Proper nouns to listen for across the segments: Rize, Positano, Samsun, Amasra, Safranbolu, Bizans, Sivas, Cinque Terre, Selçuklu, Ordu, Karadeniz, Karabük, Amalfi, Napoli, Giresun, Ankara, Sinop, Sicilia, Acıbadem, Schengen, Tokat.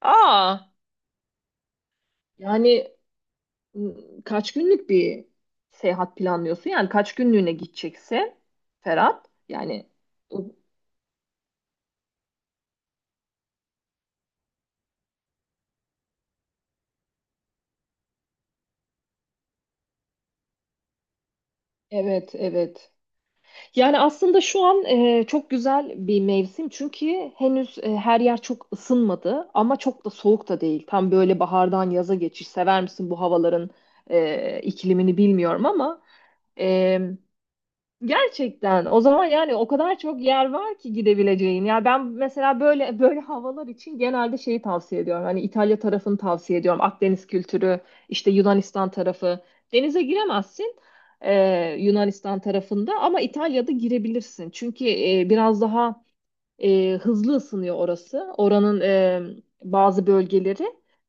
Aa, Yani m, kaç günlük bir seyahat planlıyorsun? Yani kaç günlüğüne gideceksin Ferhat? Bu- evet, evet. Yani aslında şu an çok güzel bir mevsim çünkü henüz her yer çok ısınmadı ama çok da soğuk da değil. Tam böyle bahardan yaza geçiş. Sever misin bu havaların iklimini bilmiyorum ama e, gerçekten. O zaman yani o kadar çok yer var ki gidebileceğin. Ya ben mesela böyle havalar için genelde şeyi tavsiye ediyorum. Hani İtalya tarafını tavsiye ediyorum. Akdeniz kültürü, işte Yunanistan tarafı. Denize giremezsin, e, Yunanistan tarafında ama İtalya'da girebilirsin. Çünkü biraz daha hızlı ısınıyor orası. Oranın bazı bölgeleri.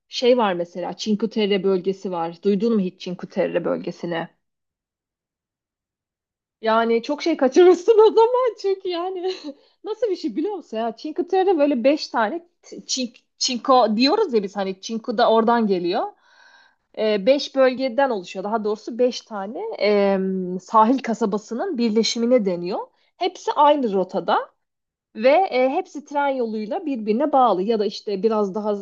Şey var mesela Cinque Terre bölgesi var. Duydun mu hiç Cinque Terre bölgesini? Yani çok şey kaçırırsın o zaman çünkü yani nasıl bir şey biliyor musun ya? Cinque Terre'de böyle beş tane çinko diyoruz ya biz, hani çinko da oradan geliyor. Beş bölgeden oluşuyor. Daha doğrusu beş tane sahil kasabasının birleşimine deniyor. Hepsi aynı rotada ve hepsi tren yoluyla birbirine bağlı. Ya da işte biraz daha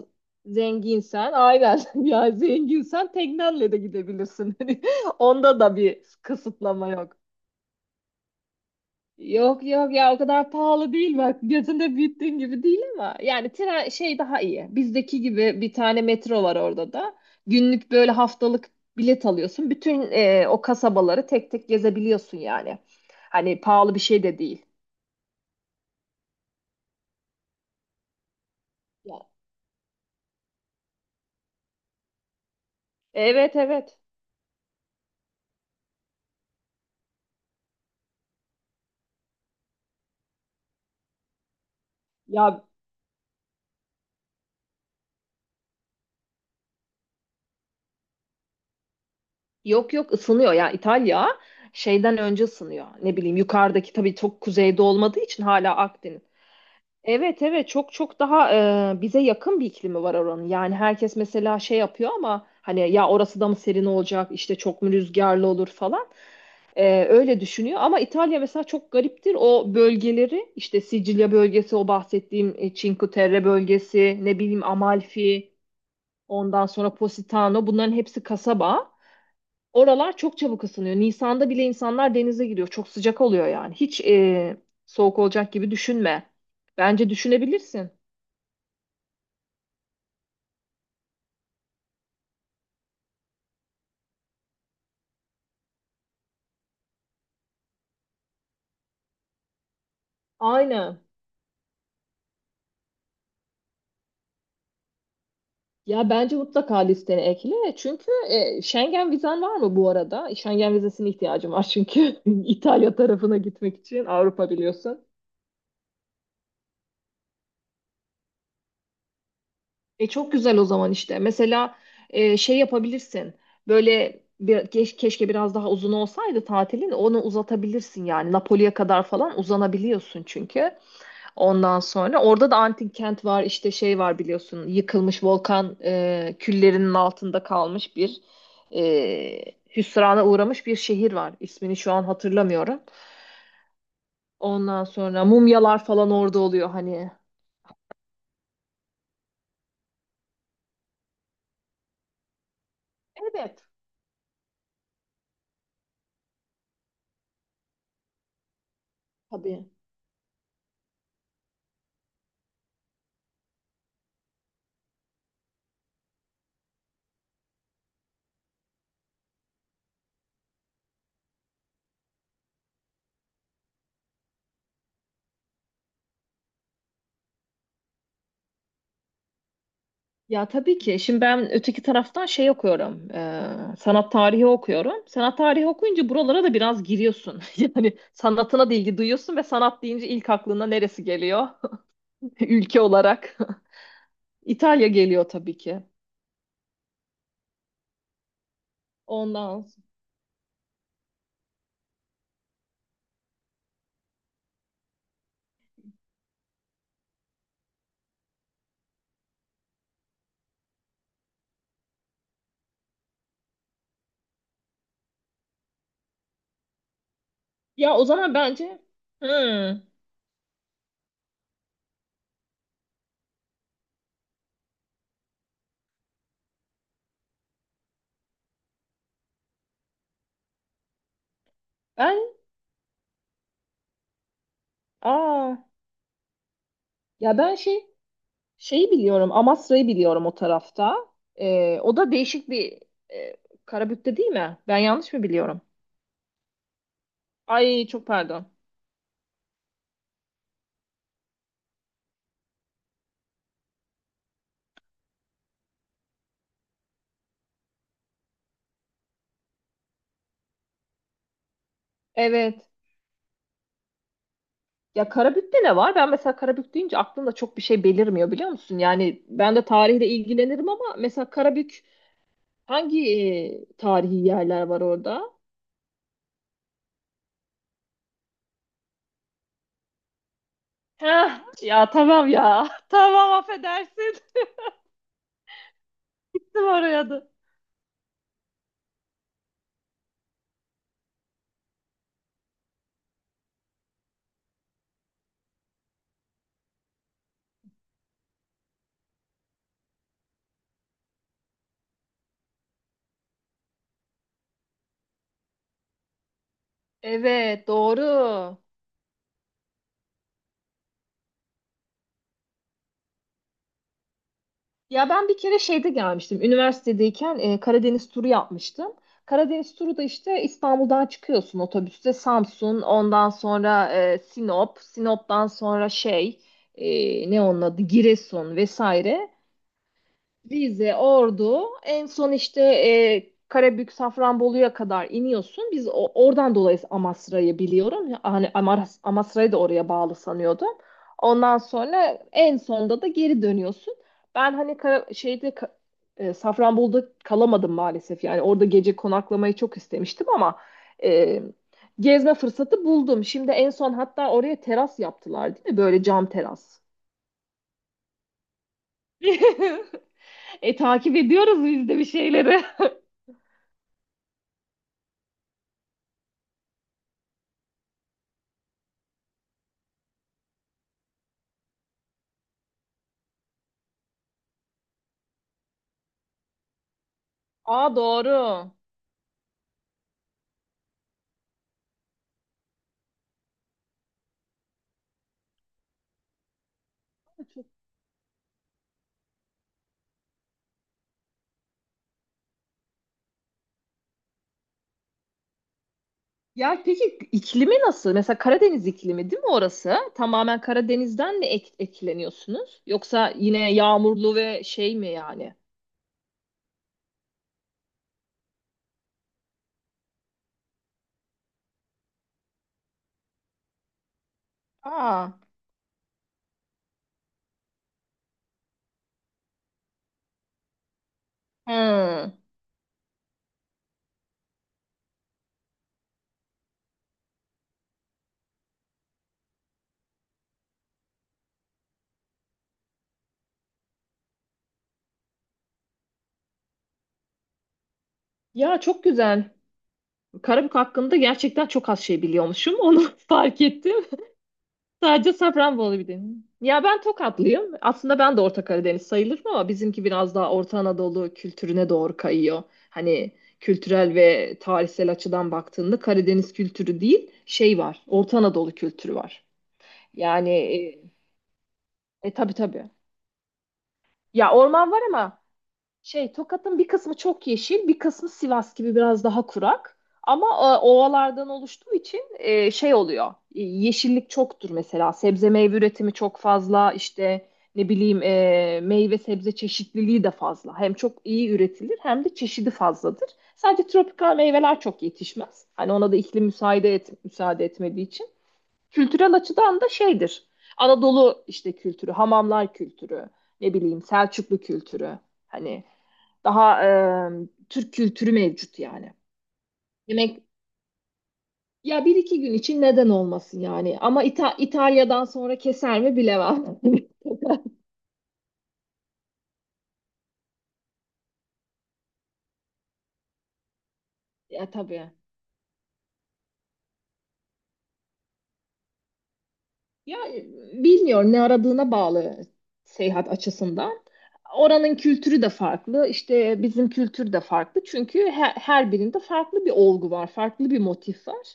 zenginsen, aynen ya zenginsen teknenle de gidebilirsin. Hani onda da bir kısıtlama yok. Yok yok, ya o kadar pahalı değil bak, gözünde büyüttüğün gibi değil ama yani tren şey daha iyi, bizdeki gibi bir tane metro var orada da, günlük böyle haftalık bilet alıyorsun, bütün o kasabaları tek tek gezebiliyorsun yani, hani pahalı bir şey de değil. Ya, evet evet ya, yok yok, ısınıyor ya İtalya, şeyden önce ısınıyor, ne bileyim yukarıdaki tabii çok kuzeyde olmadığı için hala Akdeniz. Evet evet, çok çok daha bize yakın bir iklimi var oranın. Yani herkes mesela şey yapıyor ama hani ya orası da mı serin olacak işte, çok mu rüzgarlı olur falan. E, öyle düşünüyor ama İtalya mesela çok gariptir. O bölgeleri işte Sicilya bölgesi, o bahsettiğim Cinque Terre bölgesi, ne bileyim Amalfi, ondan sonra Positano, bunların hepsi kasaba. Oralar çok çabuk ısınıyor. Nisan'da bile insanlar denize giriyor. Çok sıcak oluyor yani. Hiç soğuk olacak gibi düşünme. Bence düşünebilirsin. Aynen. Ya bence mutlaka listene ekle. Çünkü Schengen vizen var mı bu arada? Schengen vizesine ihtiyacım var çünkü İtalya tarafına gitmek için, Avrupa biliyorsun. E çok güzel o zaman işte. Mesela şey yapabilirsin. Böyle bir, keşke biraz daha uzun olsaydı tatilin. Onu uzatabilirsin yani. Napoli'ye kadar falan uzanabiliyorsun çünkü. Ondan sonra orada da antik kent var, işte şey var biliyorsun, yıkılmış volkan küllerinin altında kalmış bir e, hüsrana uğramış bir şehir var. İsmini şu an hatırlamıyorum. Ondan sonra mumyalar falan orada oluyor hani. Evet. Tabii. Ya tabii ki. Şimdi ben öteki taraftan şey okuyorum. Sanat tarihi okuyorum. Sanat tarihi okuyunca buralara da biraz giriyorsun. Yani sanatına da ilgi duyuyorsun ve sanat deyince ilk aklına neresi geliyor? Ülke olarak. İtalya geliyor tabii ki. Ondan. s- Ya o zaman bence, hmm, ben aa ya ben şey, şeyi biliyorum. Amasra'yı biliyorum o tarafta. O da değişik bir e, Karabük'te, değil mi? Ben yanlış mı biliyorum? Ay çok pardon. Evet. Ya Karabük'te ne var? Ben mesela Karabük deyince aklımda çok bir şey belirmiyor biliyor musun? Yani ben de tarihle ilgilenirim ama mesela Karabük hangi tarihi yerler var orada? Heh, ya tamam ya. Tamam affedersin. Oraya da. Evet, doğru. Ya ben bir kere şeyde gelmiştim. Üniversitedeyken Karadeniz turu yapmıştım. Karadeniz turu da işte, İstanbul'dan çıkıyorsun otobüste, Samsun, ondan sonra Sinop, Sinop'tan sonra şey ne onun adı, Giresun vesaire. Rize, Ordu, en son işte Karabük, Safranbolu'ya kadar iniyorsun. Oradan dolayı Amasra'yı biliyorum. Ya, hani Amasra'yı da oraya bağlı sanıyordum. Ondan sonra en sonda da geri dönüyorsun. Ben hani şeyde Safranbolu'da kalamadım maalesef. Yani orada gece konaklamayı çok istemiştim ama e, gezme fırsatı buldum. Şimdi en son hatta oraya teras yaptılar, değil mi? Böyle cam teras. E takip ediyoruz biz de bir şeyleri. Aa doğru. Ya peki iklimi nasıl? Mesela Karadeniz iklimi değil mi orası? Tamamen Karadeniz'den mi etkileniyorsunuz? Yoksa yine yağmurlu ve şey mi yani? Aa. Hı. Ya çok güzel. Karabük hakkında gerçekten çok az şey biliyormuşum. Onu fark ettim. Sadece Safranbolu bir deniz. Ya ben Tokatlıyım. Aslında ben de Orta Karadeniz sayılırım ama bizimki biraz daha Orta Anadolu kültürüne doğru kayıyor. Hani kültürel ve tarihsel açıdan baktığında Karadeniz kültürü değil, şey var, Orta Anadolu kültürü var. Yani tabii tabii. Ya orman var ama, şey, Tokat'ın bir kısmı çok yeşil, bir kısmı Sivas gibi biraz daha kurak. Ama ovalardan oluştuğu için şey oluyor. E, yeşillik çoktur mesela. Sebze meyve üretimi çok fazla. İşte ne bileyim, meyve sebze çeşitliliği de fazla. Hem çok iyi üretilir hem de çeşidi fazladır. Sadece tropikal meyveler çok yetişmez. Hani ona da iklim müsaade etmediği için. Kültürel açıdan da şeydir. Anadolu işte kültürü, hamamlar kültürü, ne bileyim Selçuklu kültürü. Hani daha Türk kültürü mevcut yani. Yemek, ya bir iki gün için neden olmasın yani. Ama İtalya'dan sonra keser mi bilemem. Ya tabii. Ya bilmiyorum, ne aradığına bağlı seyahat açısından. Oranın kültürü de farklı, işte bizim kültür de farklı. Çünkü her birinde farklı bir olgu var, farklı bir motif var.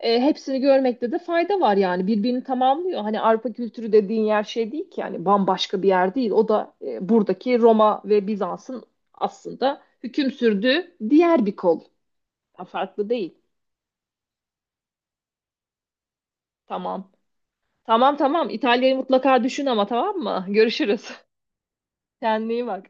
E, hepsini görmekte de fayda var yani, birbirini tamamlıyor. Hani Avrupa kültürü dediğin yer şey değil ki yani, bambaşka bir yer değil. O da buradaki Roma ve Bizans'ın aslında hüküm sürdüğü diğer bir kol. Ha, farklı değil. Tamam. Tamam tamam. İtalya'yı mutlaka düşün ama, tamam mı? Görüşürüz. Kendine iyi bak.